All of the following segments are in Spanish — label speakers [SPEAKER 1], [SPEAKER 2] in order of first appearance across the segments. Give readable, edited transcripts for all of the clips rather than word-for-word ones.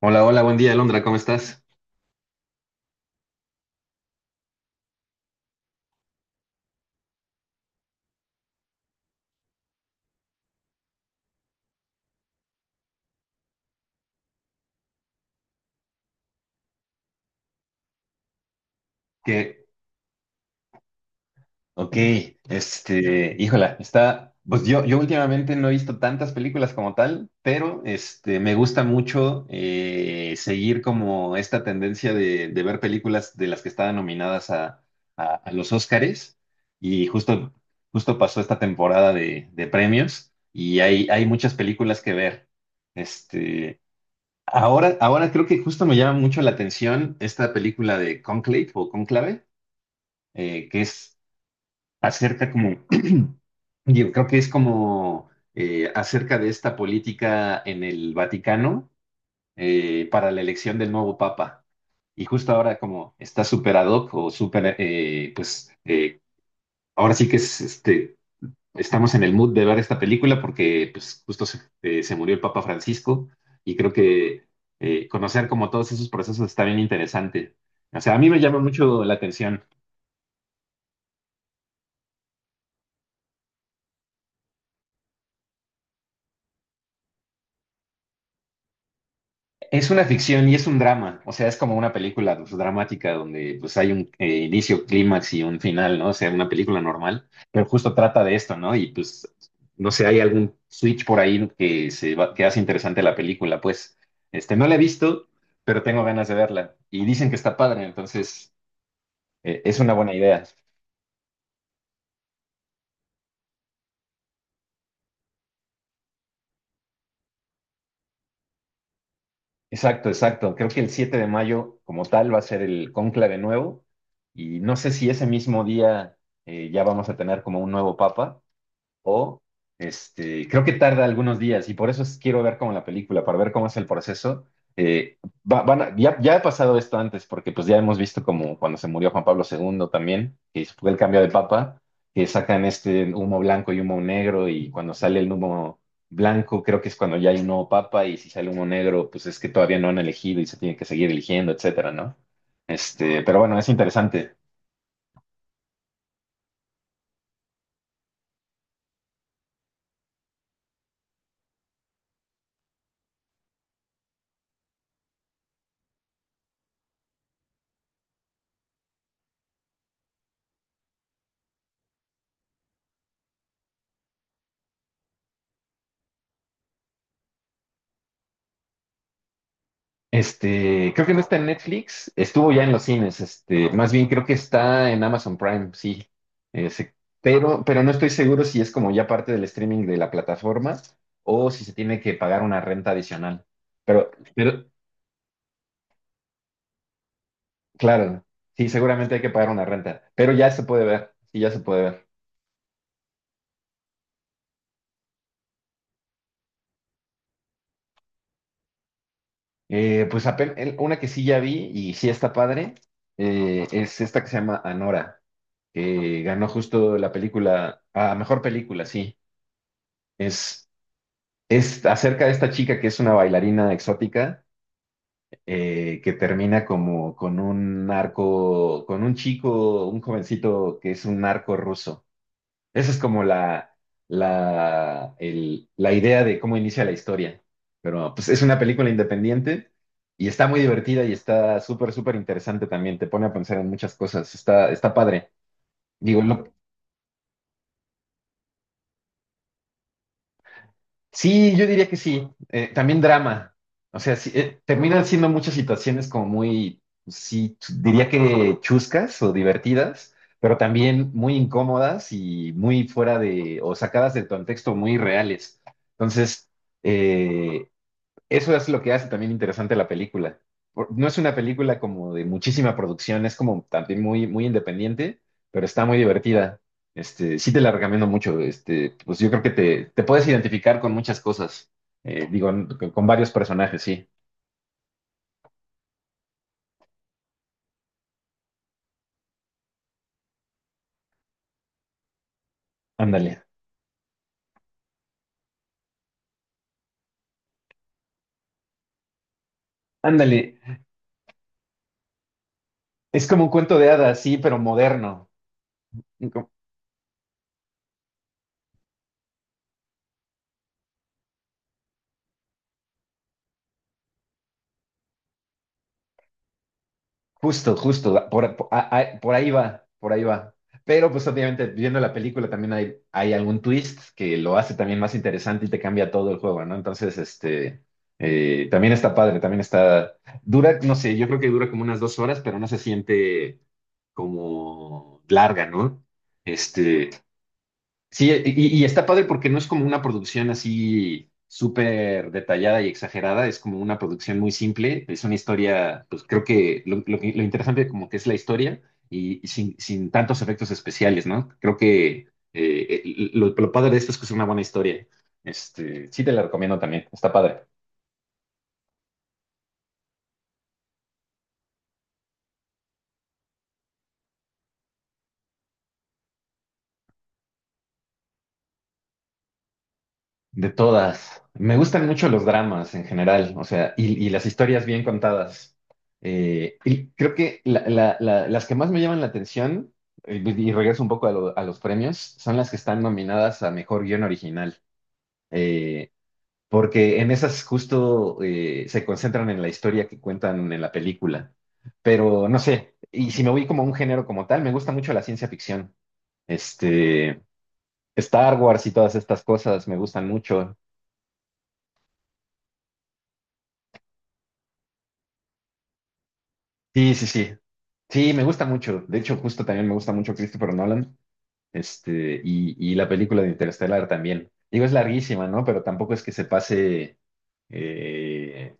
[SPEAKER 1] Hola, hola, buen día, Alondra, ¿cómo estás? Que, ok. Híjola. Pues yo últimamente no he visto tantas películas como tal, pero me gusta mucho seguir como esta tendencia de ver películas de las que estaban nominadas a los Óscares. Y justo pasó esta temporada de premios, y hay muchas películas que ver. Este, ahora creo que justo me llama mucho la atención esta película de Conclave o Conclave, que es acerca como, yo creo que es como, acerca de esta política en el Vaticano, para la elección del nuevo Papa. Y justo ahora como está súper ad hoc o súper, pues, ahora sí que es, estamos en el mood de ver esta película porque pues justo se murió el Papa Francisco, y creo que conocer como todos esos procesos está bien interesante. O sea, a mí me llama mucho la atención. Es una ficción y es un drama, o sea, es como una película, pues, dramática donde, pues, hay un inicio, clímax y un final, ¿no? O sea, una película normal, pero justo trata de esto, ¿no? Y pues, no sé, hay algún switch por ahí que que hace interesante la película, pues, no la he visto, pero tengo ganas de verla. Y dicen que está padre, entonces, es una buena idea. Exacto, exacto. Creo que el 7 de mayo, como tal, va a ser el cónclave nuevo, y no sé si ese mismo día ya vamos a tener como un nuevo papa, o creo que tarda algunos días, y por eso quiero ver como la película, para ver cómo es el proceso. Eh, ya ha pasado esto antes, porque pues ya hemos visto como cuando se murió Juan Pablo II también, que fue el cambio de papa, que sacan este humo blanco y humo negro, y cuando sale el humo blanco creo que es cuando ya hay un nuevo papa, y si sale humo negro pues es que todavía no han elegido y se tiene que seguir eligiendo, etcétera, ¿no? Pero bueno, es interesante. Creo que no está en Netflix, estuvo ya en los cines. Más bien creo que está en Amazon Prime, sí. Ese, pero, no estoy seguro si es como ya parte del streaming de la plataforma, o si se tiene que pagar una renta adicional. Pero, pero, claro, sí, seguramente hay que pagar una renta, pero ya se puede ver, sí, ya se puede ver. Una que sí ya vi y sí está padre, es esta que se llama Anora, que ganó justo la película a mejor película, sí. Es Es acerca de esta chica que es una bailarina exótica, que termina como con un narco, con un chico, un jovencito que es un narco ruso. Esa es como la idea de cómo inicia la historia. Pero pues es una película independiente y está muy divertida, y está súper, súper interesante también. Te pone a pensar en muchas cosas. Está, está padre. Digo, lo- Sí, yo diría que sí. También drama. O sea, sí, terminan siendo muchas situaciones como muy, sí, diría que chuscas o divertidas, pero también muy incómodas y muy fuera de, o sacadas del contexto, muy reales. Entonces, eh, eso es lo que hace también interesante la película. No es una película como de muchísima producción, es como también muy, muy independiente, pero está muy divertida. Sí te la recomiendo mucho. Pues yo creo que te puedes identificar con muchas cosas. Digo, con varios personajes, sí. Ándale. Ándale. Es como un cuento de hadas, sí, pero moderno. Justo, justo, por ahí va, por ahí va. Pero pues obviamente viendo la película también hay algún twist que lo hace también más interesante y te cambia todo el juego, ¿no? Entonces, también está padre, también está, dura, no sé, yo creo que dura como unas 2 horas, pero no se siente como larga, ¿no? Este, Sí, y está padre porque no es como una producción así súper detallada y exagerada, es como una producción muy simple, es una historia, pues creo que lo interesante como que es la historia, y sin tantos efectos especiales, ¿no? Creo que lo padre de esto es que es una buena historia. Sí te la recomiendo también, está padre. De todas. Me gustan mucho los dramas en general, o sea, y las historias bien contadas. Y creo que las que más me llaman la atención, pues, y regreso un poco a los premios, son las que están nominadas a Mejor Guión Original. Eh, Porque en esas justo se concentran en la historia que cuentan en la película. Pero no sé, y si me voy como a un género como tal, me gusta mucho la ciencia ficción. Este, Star Wars y todas estas cosas me gustan mucho. Sí, sí, sí. Sí, me gusta mucho. De hecho, justo también me gusta mucho Christopher Nolan. Y la película de Interstellar también. Digo, es larguísima, ¿no? Pero tampoco es que se pase eh,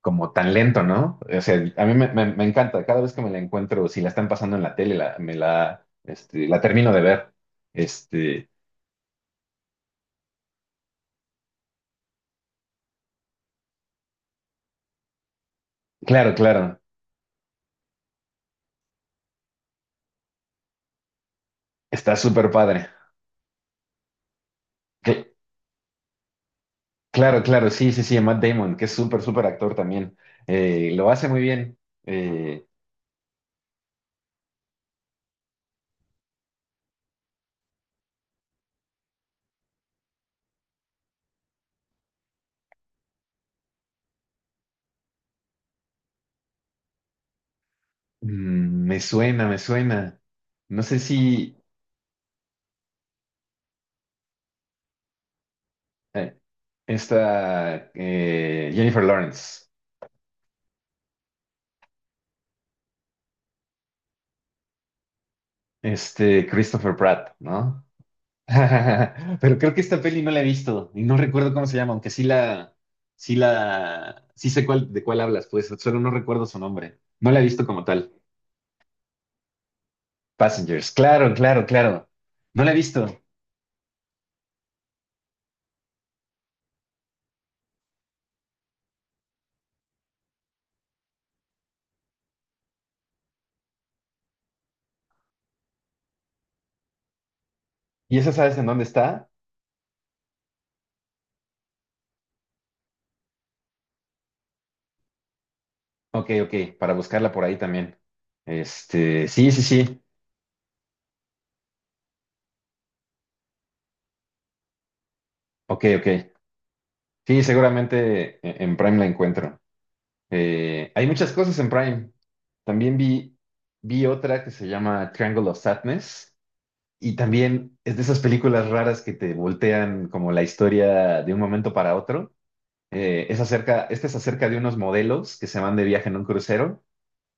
[SPEAKER 1] como tan lento, ¿no? O sea, a mí me, me encanta. Cada vez que me la encuentro, si la están pasando en la tele, me la, la termino de ver. Este, claro, claro. Está súper padre. Cl- claro, claro. Sí, sí, sí. Matt Damon, que es súper, súper actor también. Lo hace muy bien. Eh, Me suena, me suena. No sé si eh, esta, Jennifer Lawrence, Christopher Pratt, ¿no? Pero creo que esta peli no la he visto y no recuerdo cómo se llama, aunque sí sé cuál, de cuál hablas, pues solo no recuerdo su nombre. No la he visto como tal. Passengers, claro, claro, claro. No la he visto. ¿Y esa sabes en dónde está? Ok, ok, para buscarla por ahí también. Sí, sí, sí. Ok, ok. Sí, seguramente en Prime la encuentro. Hay muchas cosas en Prime. También vi otra que se llama Triangle of Sadness, y también es de esas películas raras que te voltean como la historia de un momento para otro. Es acerca, esta es acerca de unos modelos que se van de viaje en un crucero,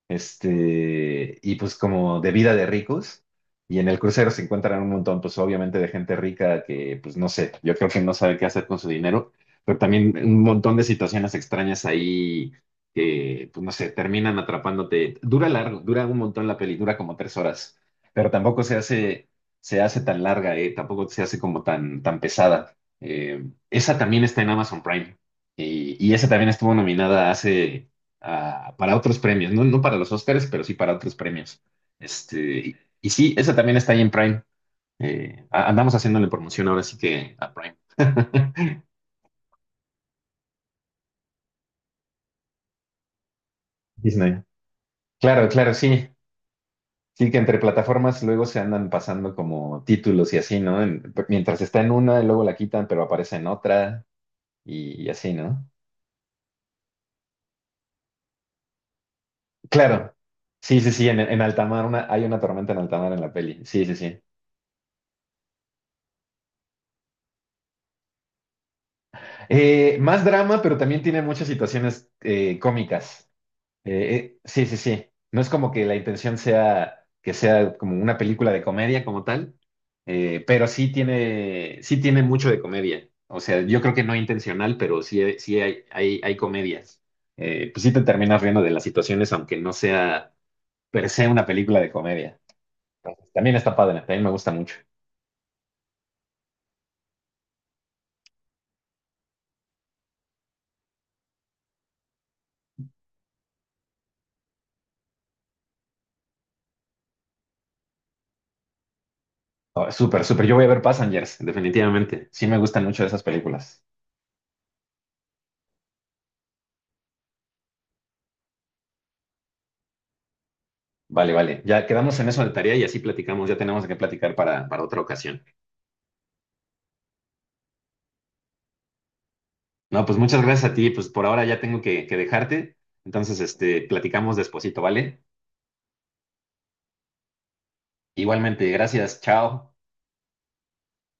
[SPEAKER 1] y pues como de vida de ricos, y en el crucero se encuentran un montón, pues obviamente de gente rica que, pues no sé, yo creo que no sabe qué hacer con su dinero, pero también un montón de situaciones extrañas ahí que, pues no sé, terminan atrapándote. Dura largo, dura un montón la peli, dura como 3 horas, pero tampoco se hace tan larga. Tampoco se hace como tan pesada. Esa también está en Amazon Prime. Y esa también estuvo nominada hace, para otros premios, no, no para los Oscars, pero sí para otros premios. Y sí, esa también está ahí en Prime. Andamos haciéndole promoción ahora sí que a Prime. Disney. Claro, claro, sí. Sí, que entre plataformas luego se andan pasando como títulos y así, ¿no? Mientras está en una, y luego la quitan, pero aparece en otra y así, ¿no? Claro. Sí, sí, sí, en alta mar, una, hay una tormenta en alta mar en la peli. Sí, sí, sí. Más drama, pero también tiene muchas situaciones cómicas. Sí, sí, sí. No es como que la intención sea que sea como una película de comedia como tal, pero sí tiene mucho de comedia. O sea, yo creo que no intencional, pero sí, sí hay comedias. Pues sí te terminas riendo de las situaciones, aunque no sea per se una película de comedia. Entonces, también está padre, también me gusta mucho. Oh, súper, súper. Yo voy a ver Passengers, definitivamente. Sí me gustan mucho esas películas. Vale, vale. Ya quedamos en eso de tarea y así platicamos. Ya tenemos que platicar para otra ocasión. No, pues muchas gracias a ti. Pues por ahora ya tengo que dejarte. Entonces, platicamos despuesito, ¿vale? Igualmente, gracias. Chao.